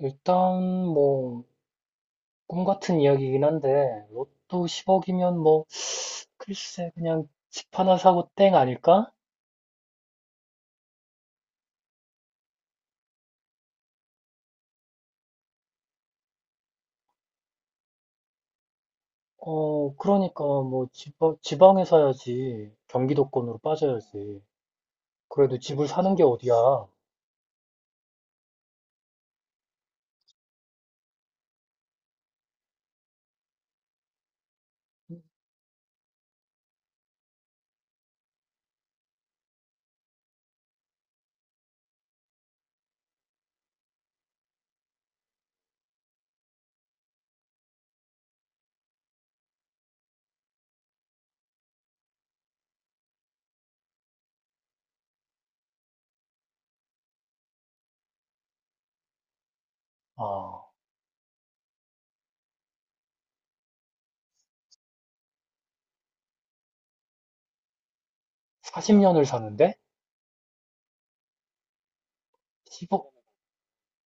일단 뭐 꿈 같은 이야기이긴 한데 로또 10억이면 뭐 글쎄 그냥 집 하나 사고 땡 아닐까? 어, 그러니까 뭐 지방에 사야지. 경기도권으로 빠져야지. 그래도 집을 사는 게 어디야? 아, 40년을 사는데 10억,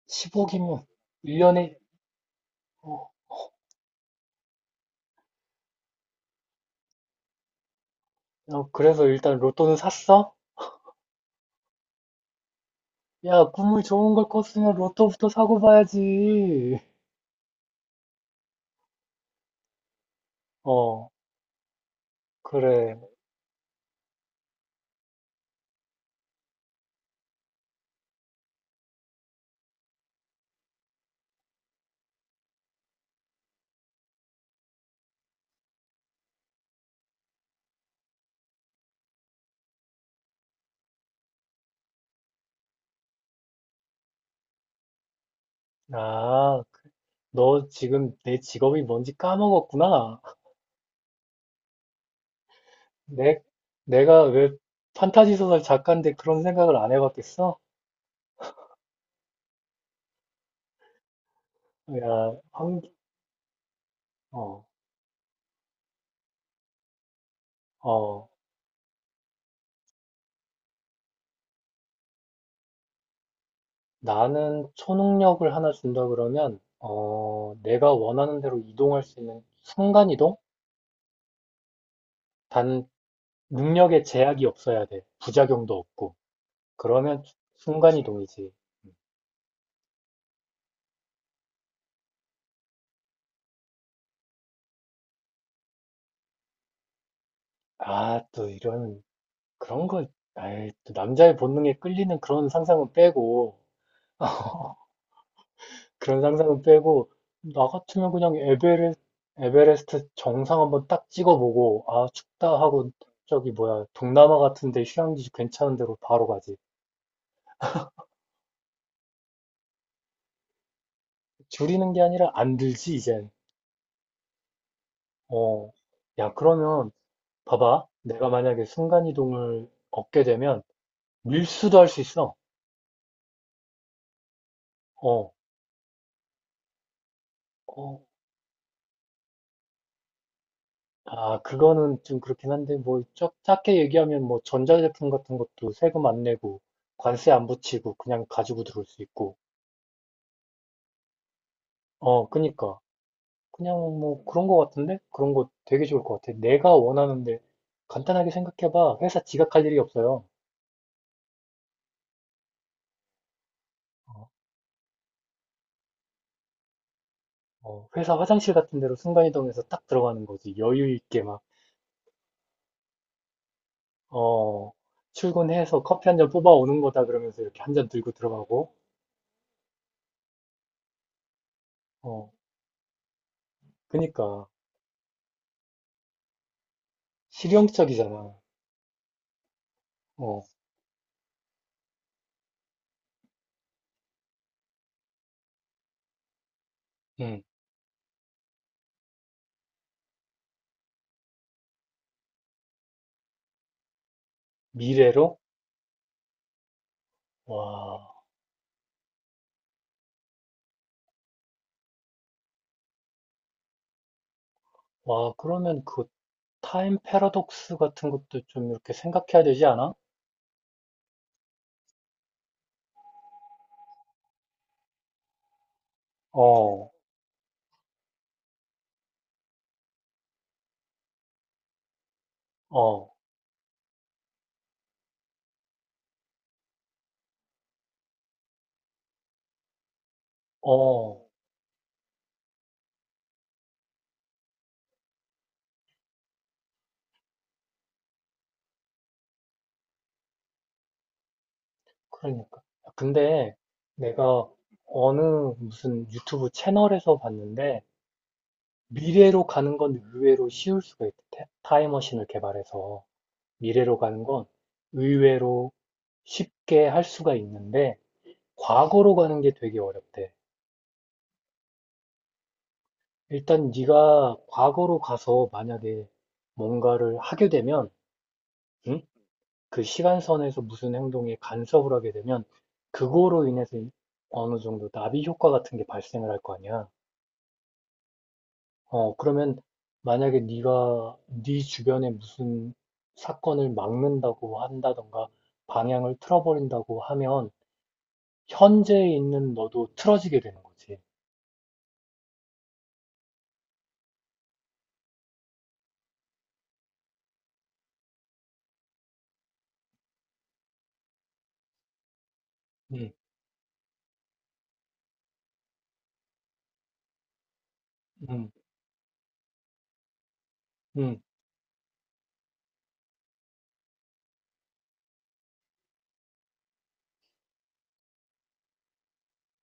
10억이면 1년에, 어, 어, 그래서 일단 로또는 샀어? 야, 꿈을 좋은 걸 꿨으면 로또부터 사고 봐야지. 어, 그래. 아, 너 지금 내 직업이 뭔지 까먹었구나. 내, 내가 왜 판타지 소설 작가인데 그런 생각을 안 해봤겠어? 야, 어, 어, 나는 초능력을 하나 준다 그러면, 내가 원하는 대로 이동할 수 있는 순간이동? 단, 능력에 제약이 없어야 돼. 부작용도 없고. 그러면 순간이동이지. 아, 또 이런, 그런 걸, 아이, 또 남자의 본능에 끌리는 그런 상상은 빼고, 나 같으면 그냥 에베레스트 정상 한번 딱 찍어보고, 아, 춥다 하고, 저기 뭐야, 동남아 같은데 휴양지 괜찮은 데로 바로 가지. 줄이는 게 아니라 안 들지, 이젠. 어, 야, 그러면, 봐봐. 내가 만약에 순간이동을 얻게 되면, 밀수도 할 수 있어. 어, 어. 아, 그거는 좀 그렇긴 한데, 뭐, 작게 얘기하면 뭐, 전자제품 같은 것도 세금 안 내고, 관세 안 붙이고, 그냥 가지고 들어올 수 있고, 어, 그니까. 그냥 뭐 그런 거 같은데? 그런 거 되게 좋을 것 같아. 내가 원하는데 간단하게 생각해봐. 회사 지각할 일이 없어요. 어, 어, 회사 화장실 같은 데로 순간이동해서 딱 들어가는 거지. 여유 있게 막, 어, 출근해서 커피 한잔 뽑아오는 거다 그러면서 이렇게 한잔 들고 들어가고. 어, 그니까. 실용적이잖아. 어, 음, 미래로? 와, 와, 그러면 그 타임 패러독스 같은 것도 좀 이렇게 생각해야 되지 않아? 어, 어, 어. 그러니까. 근데 내가 어느 무슨 유튜브 채널에서 봤는데 미래로 가는 건 의외로 쉬울 수가 있대. 타임머신을 개발해서 미래로 가는 건 의외로 쉽게 할 수가 있는데 과거로 가는 게 되게 어렵대. 일단 네가 과거로 가서 만약에 뭔가를 하게 되면, 응? 그 시간선에서 무슨 행동에 간섭을 하게 되면 그거로 인해서 어느 정도 나비 효과 같은 게 발생을 할 거 아니야. 그러면 만약에 네가 네 주변에 무슨 사건을 막는다고 한다던가 방향을 틀어버린다고 하면 현재에 있는 너도 틀어지게 되는 거지. 응, 응, 응,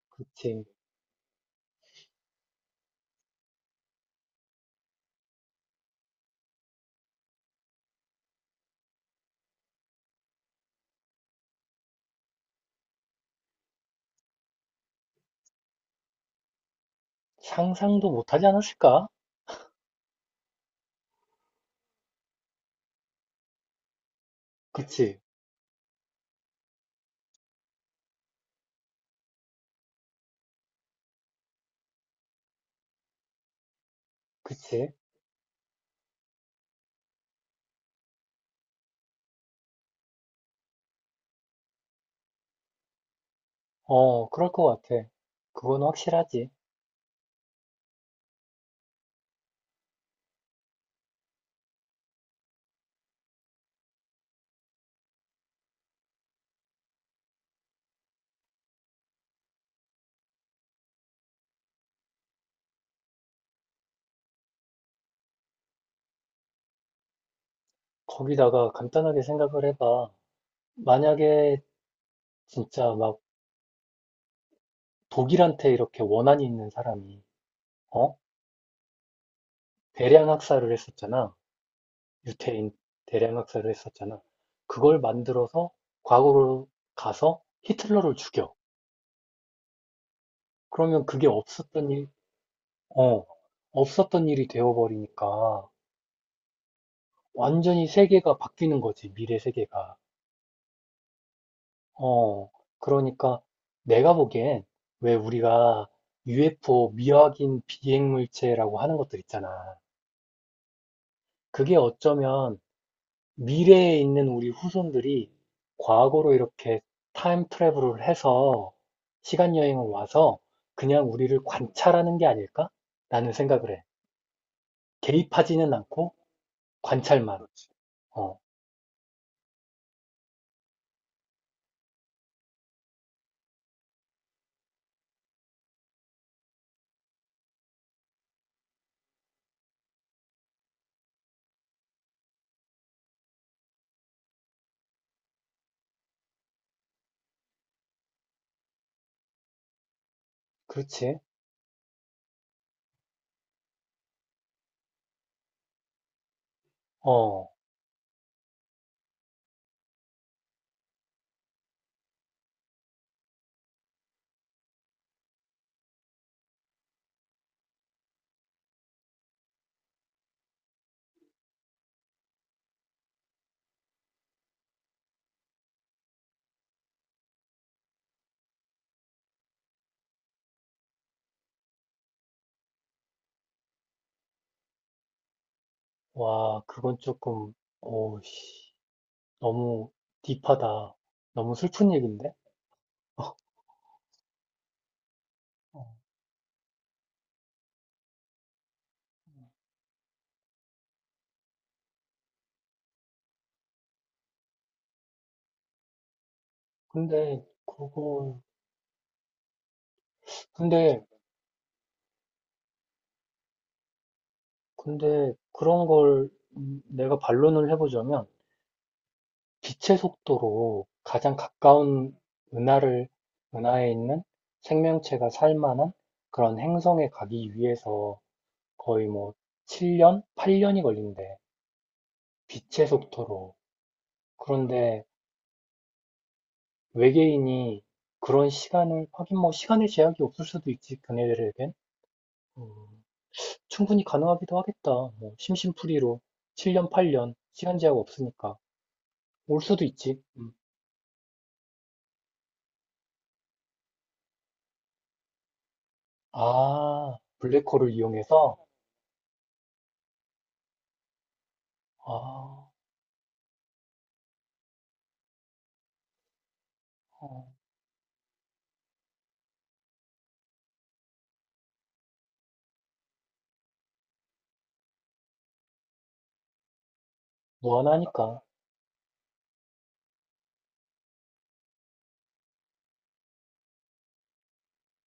그치. 상상도 못하지 않았을까? 그치, 그치. 어, 그럴 것 같아. 그건 확실하지. 거기다가 간단하게 생각을 해봐. 만약에 진짜 막 독일한테 이렇게 원한이 있는 사람이, 어? 대량 학살을 했었잖아. 유태인 대량 학살을 했었잖아. 그걸 만들어서 과거로 가서 히틀러를 죽여. 그러면 그게 어, 없었던 일이 되어버리니까 완전히 세계가 바뀌는 거지, 미래 세계가. 어, 그러니까 내가 보기엔 왜 우리가 UFO 미확인 비행 물체라고 하는 것들 있잖아. 그게 어쩌면 미래에 있는 우리 후손들이 과거로 이렇게 타임 트래블을 해서 시간 여행을 와서 그냥 우리를 관찰하는 게 아닐까? 라는 생각을 해. 개입하지는 않고 관찰만. 그렇지. 어, 그렇지. 어, 와, 그건 조금, 오, 씨, 너무 딥하다. 너무 슬픈 얘기인데? 어, 근데, 근데, 그런 걸, 내가 반론을 해보자면, 기체 속도로 가장 가까운 은하를 은하에 있는 생명체가 살 만한 그런 행성에 가기 위해서 거의 뭐 7년, 8년이 걸린대. 빛의 속도로. 그런데 외계인이 그런 시간을, 하긴 뭐 시간의 제약이 없을 수도 있지, 그네들에겐. 음, 충분히 가능하기도 하겠다. 뭐 심심풀이로 7년, 8년 시간 제약 없으니까 올 수도 있지. 음. 아, 블랙홀을 이용해서? 아, 어. 무한하니까.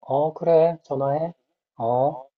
어, 그래. 전화해. 어.